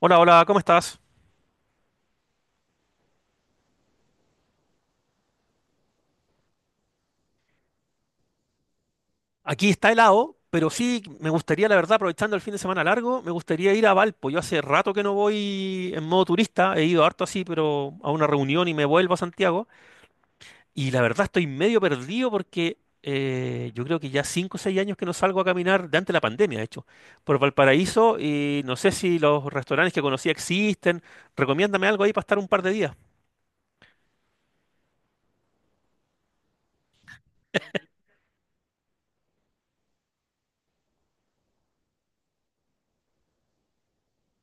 Hola, hola, ¿cómo estás? Aquí está helado, pero sí me gustaría, la verdad, aprovechando el fin de semana largo, me gustaría ir a Valpo. Yo hace rato que no voy en modo turista, he ido harto así, pero a una reunión y me vuelvo a Santiago. Y la verdad estoy medio perdido porque yo creo que ya 5 o 6 años que no salgo a caminar, de antes de la pandemia, de hecho, por Valparaíso y no sé si los restaurantes que conocía existen. Recomiéndame algo ahí para estar un par de días.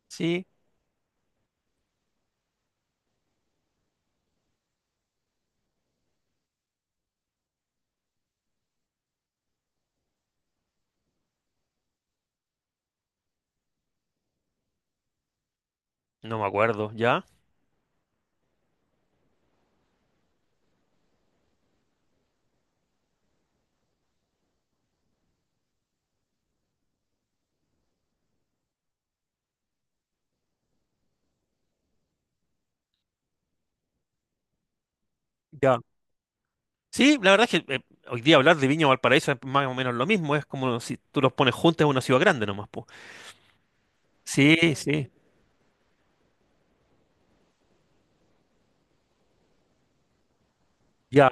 Sí, no me acuerdo, ¿ya? Ya. Sí, la verdad es que hoy día hablar de Viña o Valparaíso es más o menos lo mismo, es como si tú los pones juntos en una ciudad grande nomás, po. Sí, sí, ya.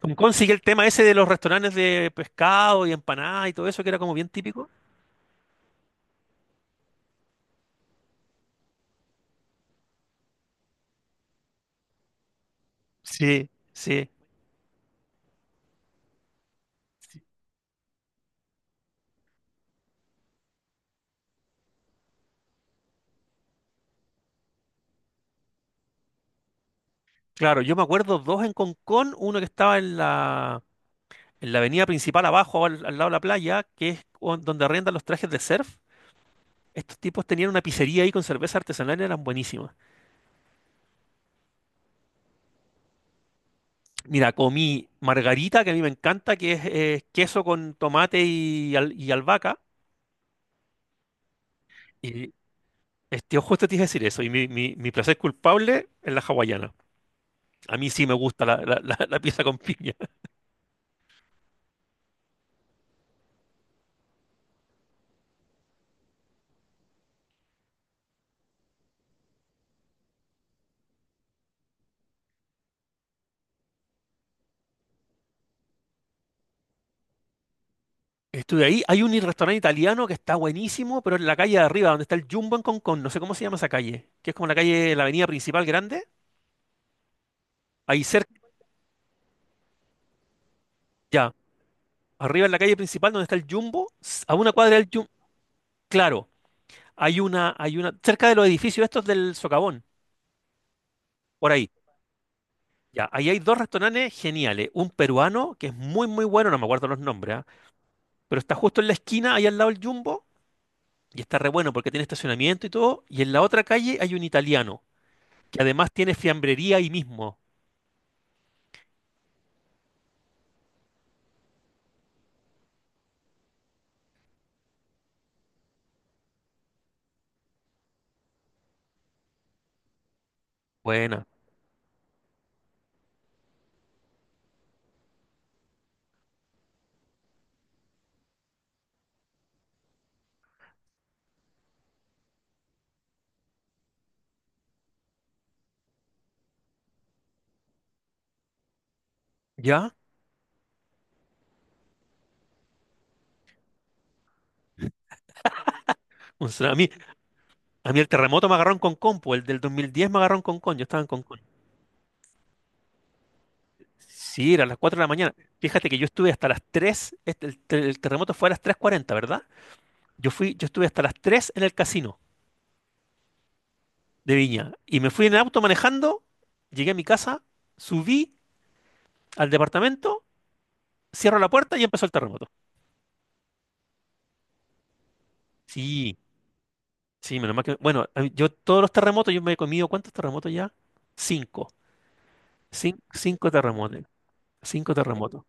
Como consigue el tema ese de los restaurantes de pescado y empanadas y todo eso, que era como bien típico. Sí, sí. Sí. Claro, yo me acuerdo dos en Concón, uno que estaba en la avenida principal abajo, al, al lado de la playa, que es donde arrendan los trajes de surf. Estos tipos tenían una pizzería ahí con cerveza artesanal y eran buenísimas. Mira, comí margarita, que a mí me encanta, que es queso con tomate y, y albahaca. Y este, justo te iba a decir eso. Y mi placer culpable es la hawaiana. A mí sí me gusta la, la, la pieza con piña. Estuve ahí. Hay un restaurante italiano que está buenísimo, pero en la calle de arriba, donde está el Jumbo en Concón. No sé cómo se llama esa calle. Que es como la calle, la avenida principal grande. Ahí cerca, ya. Arriba en la calle principal, donde está el Jumbo, a una cuadra del Jumbo. Claro, hay una, cerca de los edificios estos del Socavón, por ahí. Ya, ahí hay dos restaurantes geniales. Un peruano, que es muy, muy bueno, no me acuerdo los nombres, ¿ah? Pero está justo en la esquina, ahí al lado del Jumbo, y está re bueno porque tiene estacionamiento y todo. Y en la otra calle hay un italiano, que además tiene fiambrería ahí mismo. Buena. ¿Ya? Un tsunami, a mí, el terremoto me agarró en Concón, pues el del 2010 me agarró en Concón, yo estaba en Concón. Sí, era a las 4 de la mañana. Fíjate que yo estuve hasta las 3, este, el terremoto fue a las 3:40, ¿verdad? Yo fui, yo estuve hasta las 3 en el casino. De Viña. Y me fui en el auto manejando, llegué a mi casa, subí al departamento, cierro la puerta y empezó el terremoto. Sí, sí, menos mal que... Bueno, a mí, yo todos los terremotos, yo me he comido, ¿cuántos terremotos ya? Cinco. Cinco terremotos. Cinco terremotos.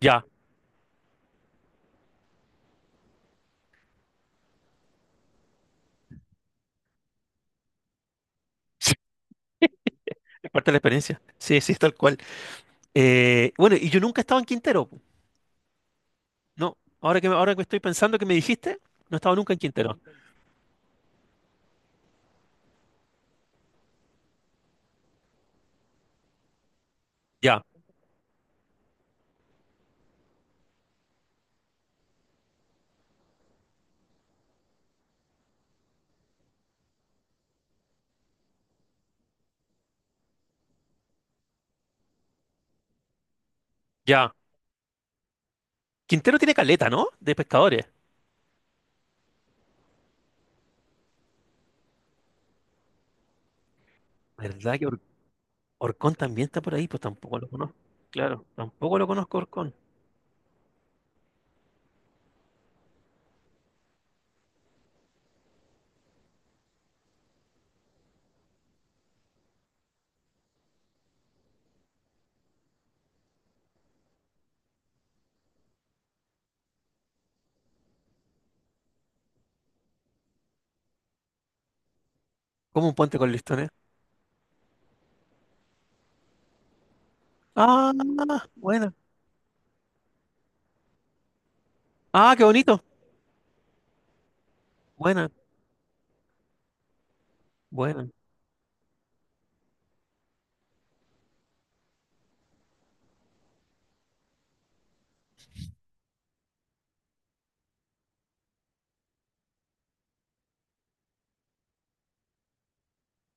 Ya. Sí, es parte de la experiencia. Sí, sí, tal cual. Bueno, y yo nunca estaba en Quintero, pu. No, ahora que, ahora que estoy pensando que me dijiste, no estaba nunca en Quintero. Ya, ya. Quintero tiene caleta, ¿no? De pescadores. ¿Verdad? Orcón también está por ahí, pues tampoco lo conozco. Claro, tampoco lo conozco Orcón. Como un puente con listones. Ah, buena. Ah, qué bonito. Buena, buena.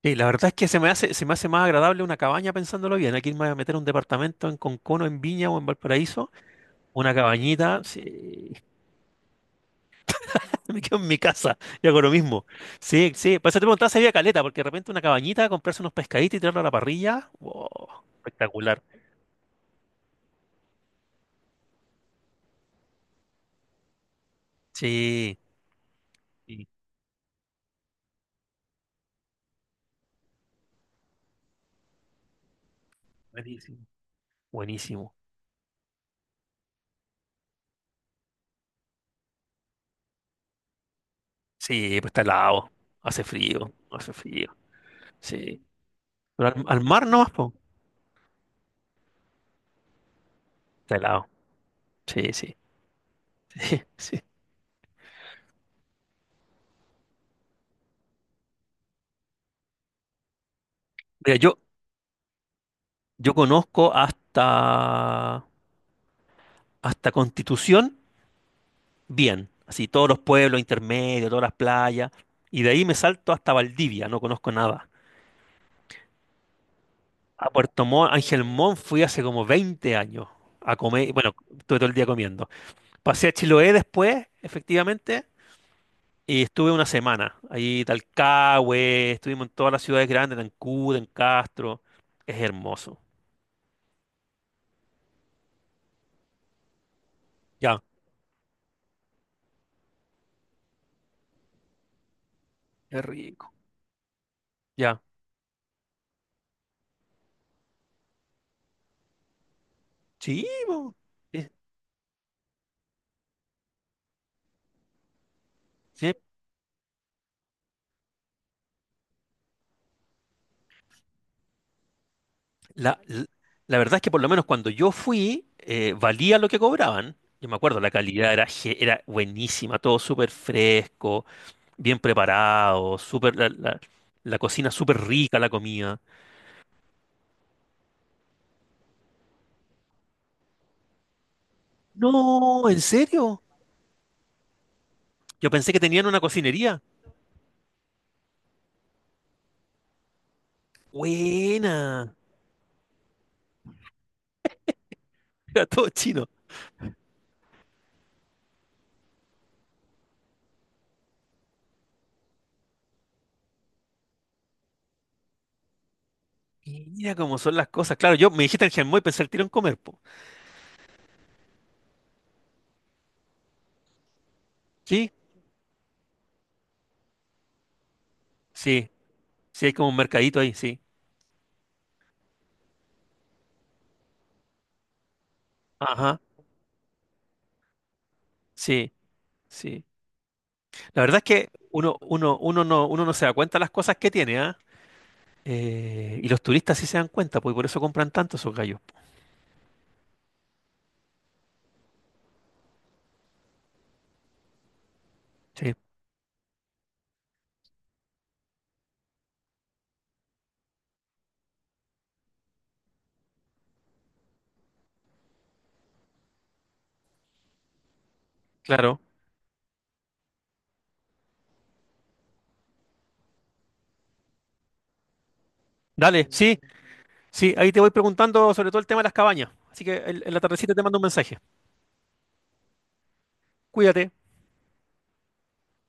Sí, la verdad es que se me hace más agradable una cabaña pensándolo bien. Aquí me voy a meter un departamento en Concono, en Viña o en Valparaíso. Una cabañita, sí. Me quedo en mi casa y hago lo mismo. Sí, sí. Por eso te preguntaba si había caleta, porque de repente una cabañita, comprarse unos pescaditos y tirarlo a la parrilla. Wow, espectacular. Sí, sí, buenísimo. Buenísimo. Sí, pues está helado. Hace frío, hace frío. Sí. Pero al, al mar nomás, po. Está helado. Sí, sí. Sí. Mira, yo conozco hasta Constitución bien. Así todos los pueblos intermedios, todas las playas. Y de ahí me salto hasta Valdivia, no conozco nada. A Puerto Montt, Ángel Montt fui hace como 20 años a comer. Bueno, estuve todo el día comiendo. Pasé a Chiloé después, efectivamente. Y estuve una semana ahí, Talcahué, estuvimos en todas las ciudades grandes, en Ancud, en Castro. Es hermoso. Ya, es rico. Ya. Sí, po. Sí, sí. La, la verdad es que por lo menos cuando yo fui, valía lo que cobraban. Yo me acuerdo, la calidad era buenísima, todo súper fresco, bien preparado, súper, la, la cocina súper rica, la comida. No, ¿en serio? Yo pensé que tenían una cocinería. Buena. Era todo chino. Mira cómo son las cosas. Claro, yo me dijiste en Genmoy, y pensé el tiro en comer, po. ¿Sí? Sí, sí, hay como un mercadito ahí, sí. Ajá, sí, sí. La verdad es que uno no se da cuenta de las cosas que tiene, ¿ah? Y los turistas sí se dan cuenta, pues, y por eso compran tanto esos gallos. Sí, claro. Dale, sí, sí, ahí te voy preguntando sobre todo el tema de las cabañas. Así que en la tardecita te mando un mensaje. Cuídate.